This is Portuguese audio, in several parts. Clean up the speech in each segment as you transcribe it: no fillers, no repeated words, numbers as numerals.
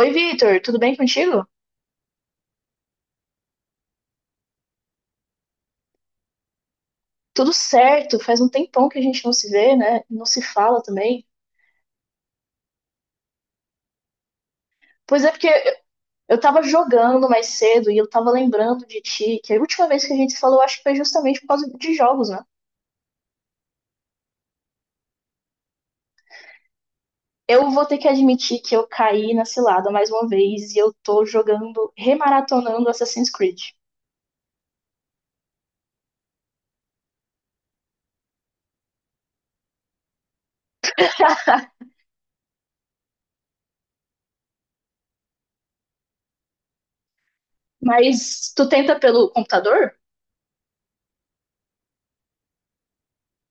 Oi, Vitor, tudo bem contigo? Tudo certo, faz um tempão que a gente não se vê, né? Não se fala também. Pois é, porque eu tava jogando mais cedo e eu tava lembrando de ti, que a última vez que a gente se falou, acho que foi justamente por causa de jogos, né? Eu vou ter que admitir que eu caí na cilada mais uma vez e eu tô jogando, remaratonando Assassin's Creed. Mas tu tenta pelo computador?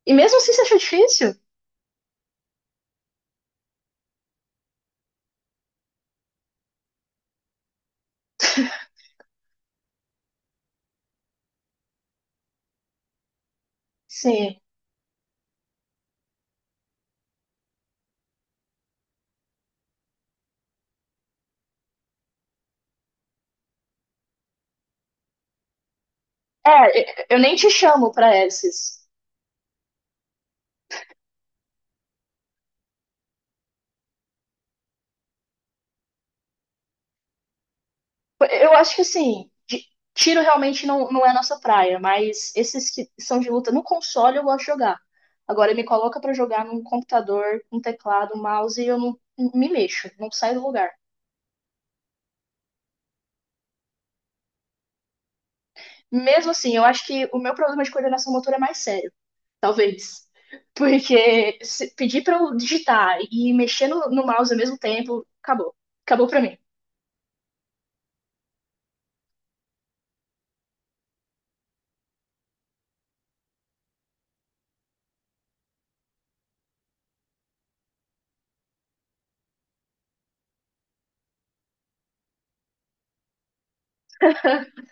E mesmo assim você acha difícil? Sim. É, eu nem te chamo pra esses. Eu acho que assim, tiro realmente não é a nossa praia, mas esses que são de luta no console eu gosto de jogar. Agora me coloca pra jogar num computador, um teclado, um mouse e eu não me mexo, não saio do lugar. Mesmo assim, eu acho que o meu problema de coordenação motora é mais sério, talvez. Porque se pedir pra eu digitar e mexer no mouse ao mesmo tempo, acabou. Acabou pra mim.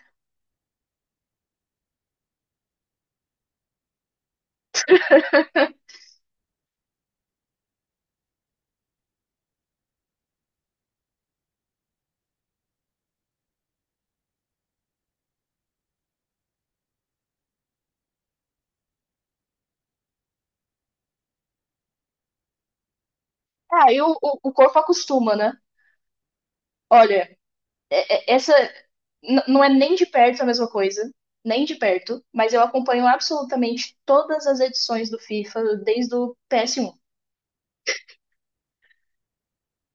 Ah, e o corpo acostuma, né? Olha, essa não é nem de perto a mesma coisa, nem de perto, mas eu acompanho absolutamente todas as edições do FIFA desde o PS1.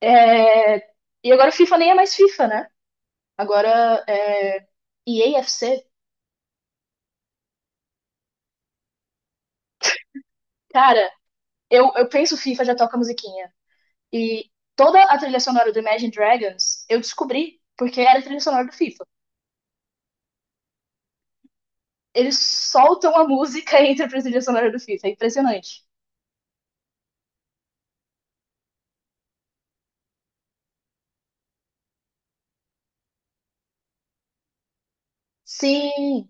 É, e agora o FIFA nem é mais FIFA, né? Agora é EA FC. Cara, eu penso FIFA, já toca a musiquinha. E toda a trilha sonora do Imagine Dragons eu descobri porque era a trilha sonora do FIFA. Eles soltam a música entre a trilha sonora do FIFA, é impressionante. Sim,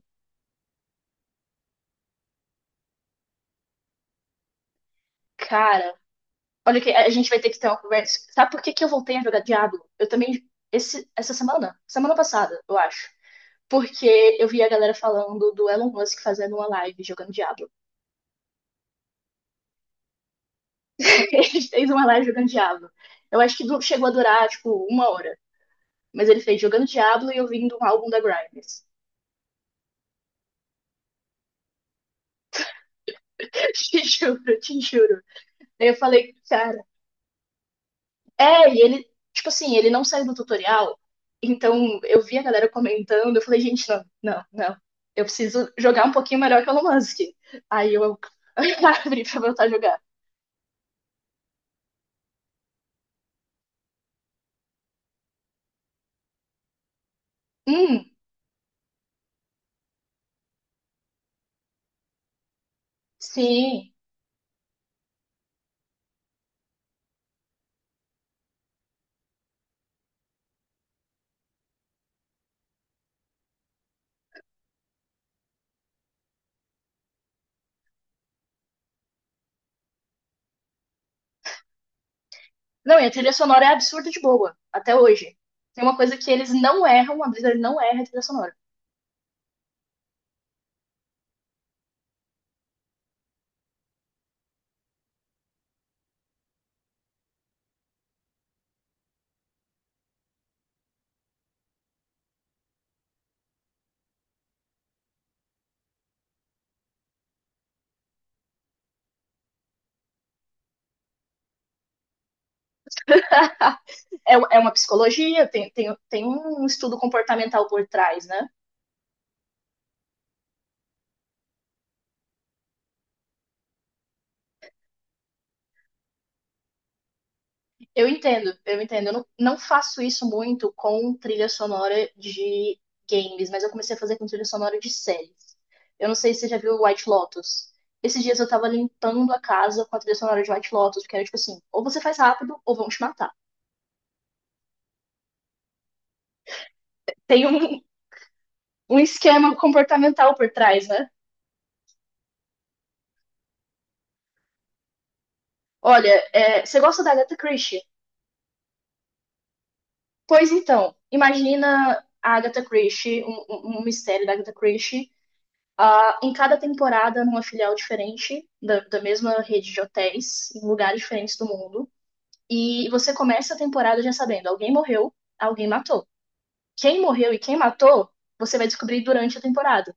cara, olha, que a gente vai ter que ter uma conversa. Sabe por que que eu voltei a jogar Diablo? Eu também, essa semana, semana passada, eu acho. Porque eu vi a galera falando do Elon Musk fazendo uma live jogando Diablo. Ele fez uma live jogando Diablo. Eu acho que chegou a durar, tipo, uma hora. Mas ele fez jogando Diablo e ouvindo um álbum da Grimes. Te juro, te juro. Aí eu falei, cara, é, e ele, tipo assim, ele não sai do tutorial. Então eu vi a galera comentando, eu falei, gente, não, não, não. Eu preciso jogar um pouquinho melhor que o Elon Musk. Aí eu abri pra voltar a jogar. Hum, sim. Não, e a trilha sonora é absurda de boa, até hoje. Tem uma coisa que eles não erram, a Blizzard não erra a trilha sonora. É, é uma psicologia, tem um estudo comportamental por trás, né? Eu entendo, eu entendo. Eu não, não faço isso muito com trilha sonora de games, mas eu comecei a fazer com trilha sonora de séries. Eu não sei se você já viu White Lotus. Esses dias eu tava limpando a casa com a trilha sonora de White Lotus, porque era tipo assim, ou você faz rápido ou vão te matar. Tem um esquema comportamental por trás, né? Olha, é, você gosta da Agatha Christie? Pois então, imagina a Agatha Christie, um mistério da Agatha Christie, ah, em cada temporada, numa filial diferente da mesma rede de hotéis, em lugares diferentes do mundo. E você começa a temporada já sabendo: alguém morreu, alguém matou. Quem morreu e quem matou, você vai descobrir durante a temporada.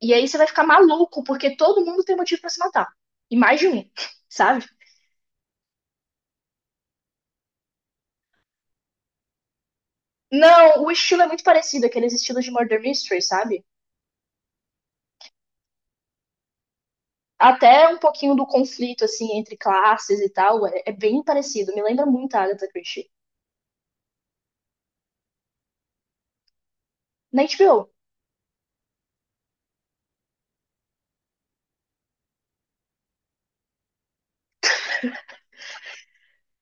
E aí você vai ficar maluco, porque todo mundo tem motivo pra se matar. E mais de um, sabe? Não, o estilo é muito parecido, aqueles estilos de Murder Mystery, sabe? Até um pouquinho do conflito, assim, entre classes e tal, é bem parecido. Me lembra muito a Agatha Christie. Na HBO.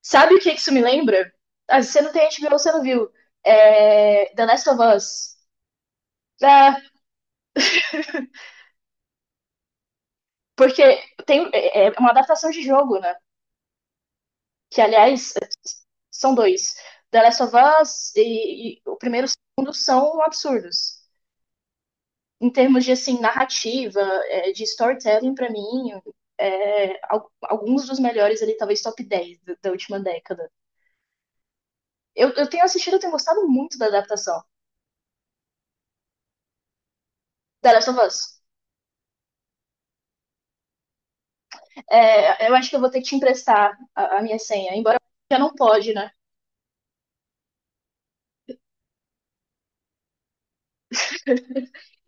Sabe o que que isso me lembra? Ah, se você não tem HBO, você não viu. É... The Last of Us. É, porque tem, é uma adaptação de jogo, né? Que, aliás, são dois. The Last of Us e o primeiro e o segundo são absurdos. Em termos de, assim, narrativa, é, de storytelling, pra mim, é, alguns dos melhores ali, talvez top 10 da última década. Eu tenho assistido, eu tenho gostado muito da adaptação. The Last of Us. É, eu acho que eu vou ter que te emprestar a minha senha, embora já não pode, né?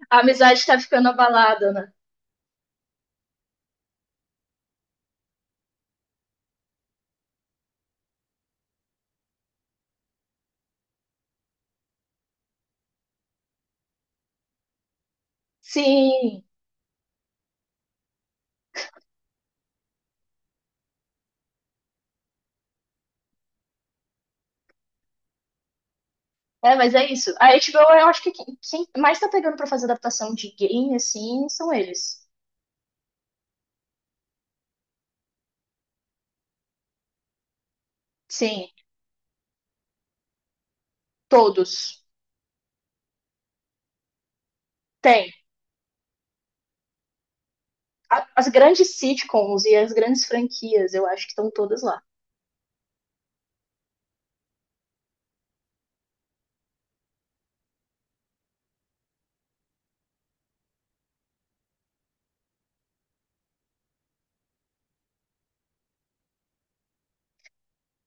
A amizade tá ficando abalada, né? Sim, é, mas é isso. A HBO, eu acho que quem mais tá pegando pra fazer adaptação de game, assim, são eles. Sim, todos. Tem. A- As grandes sitcoms e as grandes franquias, eu acho que estão todas lá.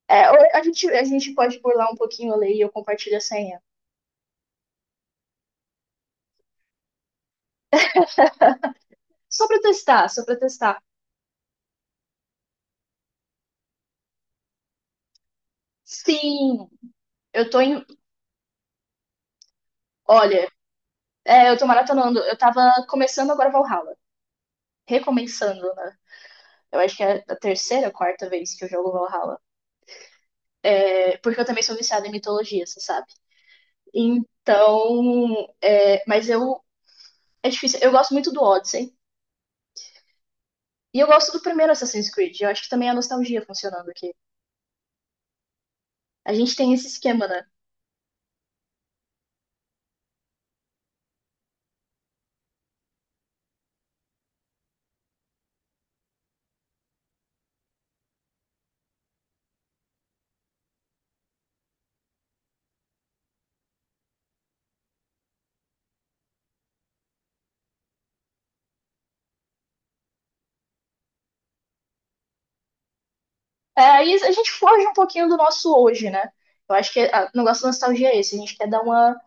É, ou a gente pode burlar um pouquinho a lei e eu compartilho a senha. Só pra testar, só pra testar. Sim, eu tô em. Olha, é, eu tô maratonando. Eu tava começando agora Valhalla. Recomeçando, né? Eu acho que é a terceira, quarta vez que eu jogo Valhalla. É, porque eu também sou viciada em mitologia, você sabe? Então. É, mas eu. É difícil. Eu gosto muito do Odyssey. E eu gosto do primeiro Assassin's Creed. Eu acho que também é a nostalgia funcionando aqui. A gente tem esse esquema, né? É, aí a gente foge um pouquinho do nosso hoje, né? Eu acho que ah, o negócio da nostalgia é esse. A gente quer dar uma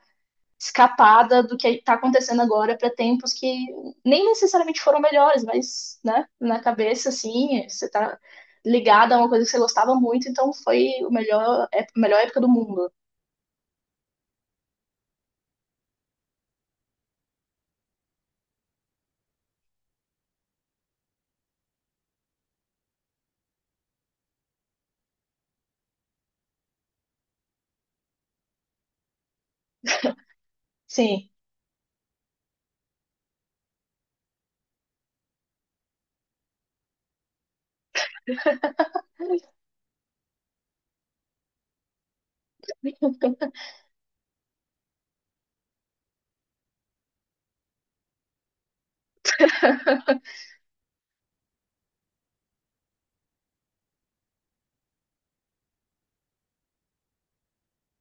escapada do que está acontecendo agora para tempos que nem necessariamente foram melhores, mas, né, na cabeça, assim, você está ligado a uma coisa que você gostava muito, então foi o melhor, é, a melhor época do mundo. Sim.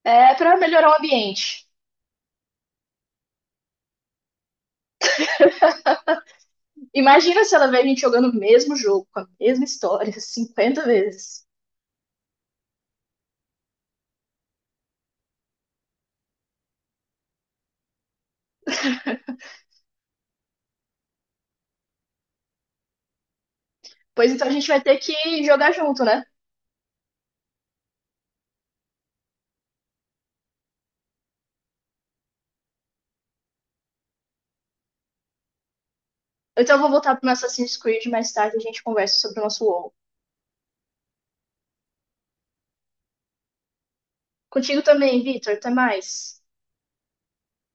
É para melhorar o ambiente. Imagina se ela vê a gente jogando o mesmo jogo, com a mesma história, 50 vezes. Pois então a gente vai ter que jogar junto, né? Então eu vou voltar pro meu Assassin's Creed mais tarde, e a gente conversa sobre o nosso WoW. Contigo também, Vitor, até mais.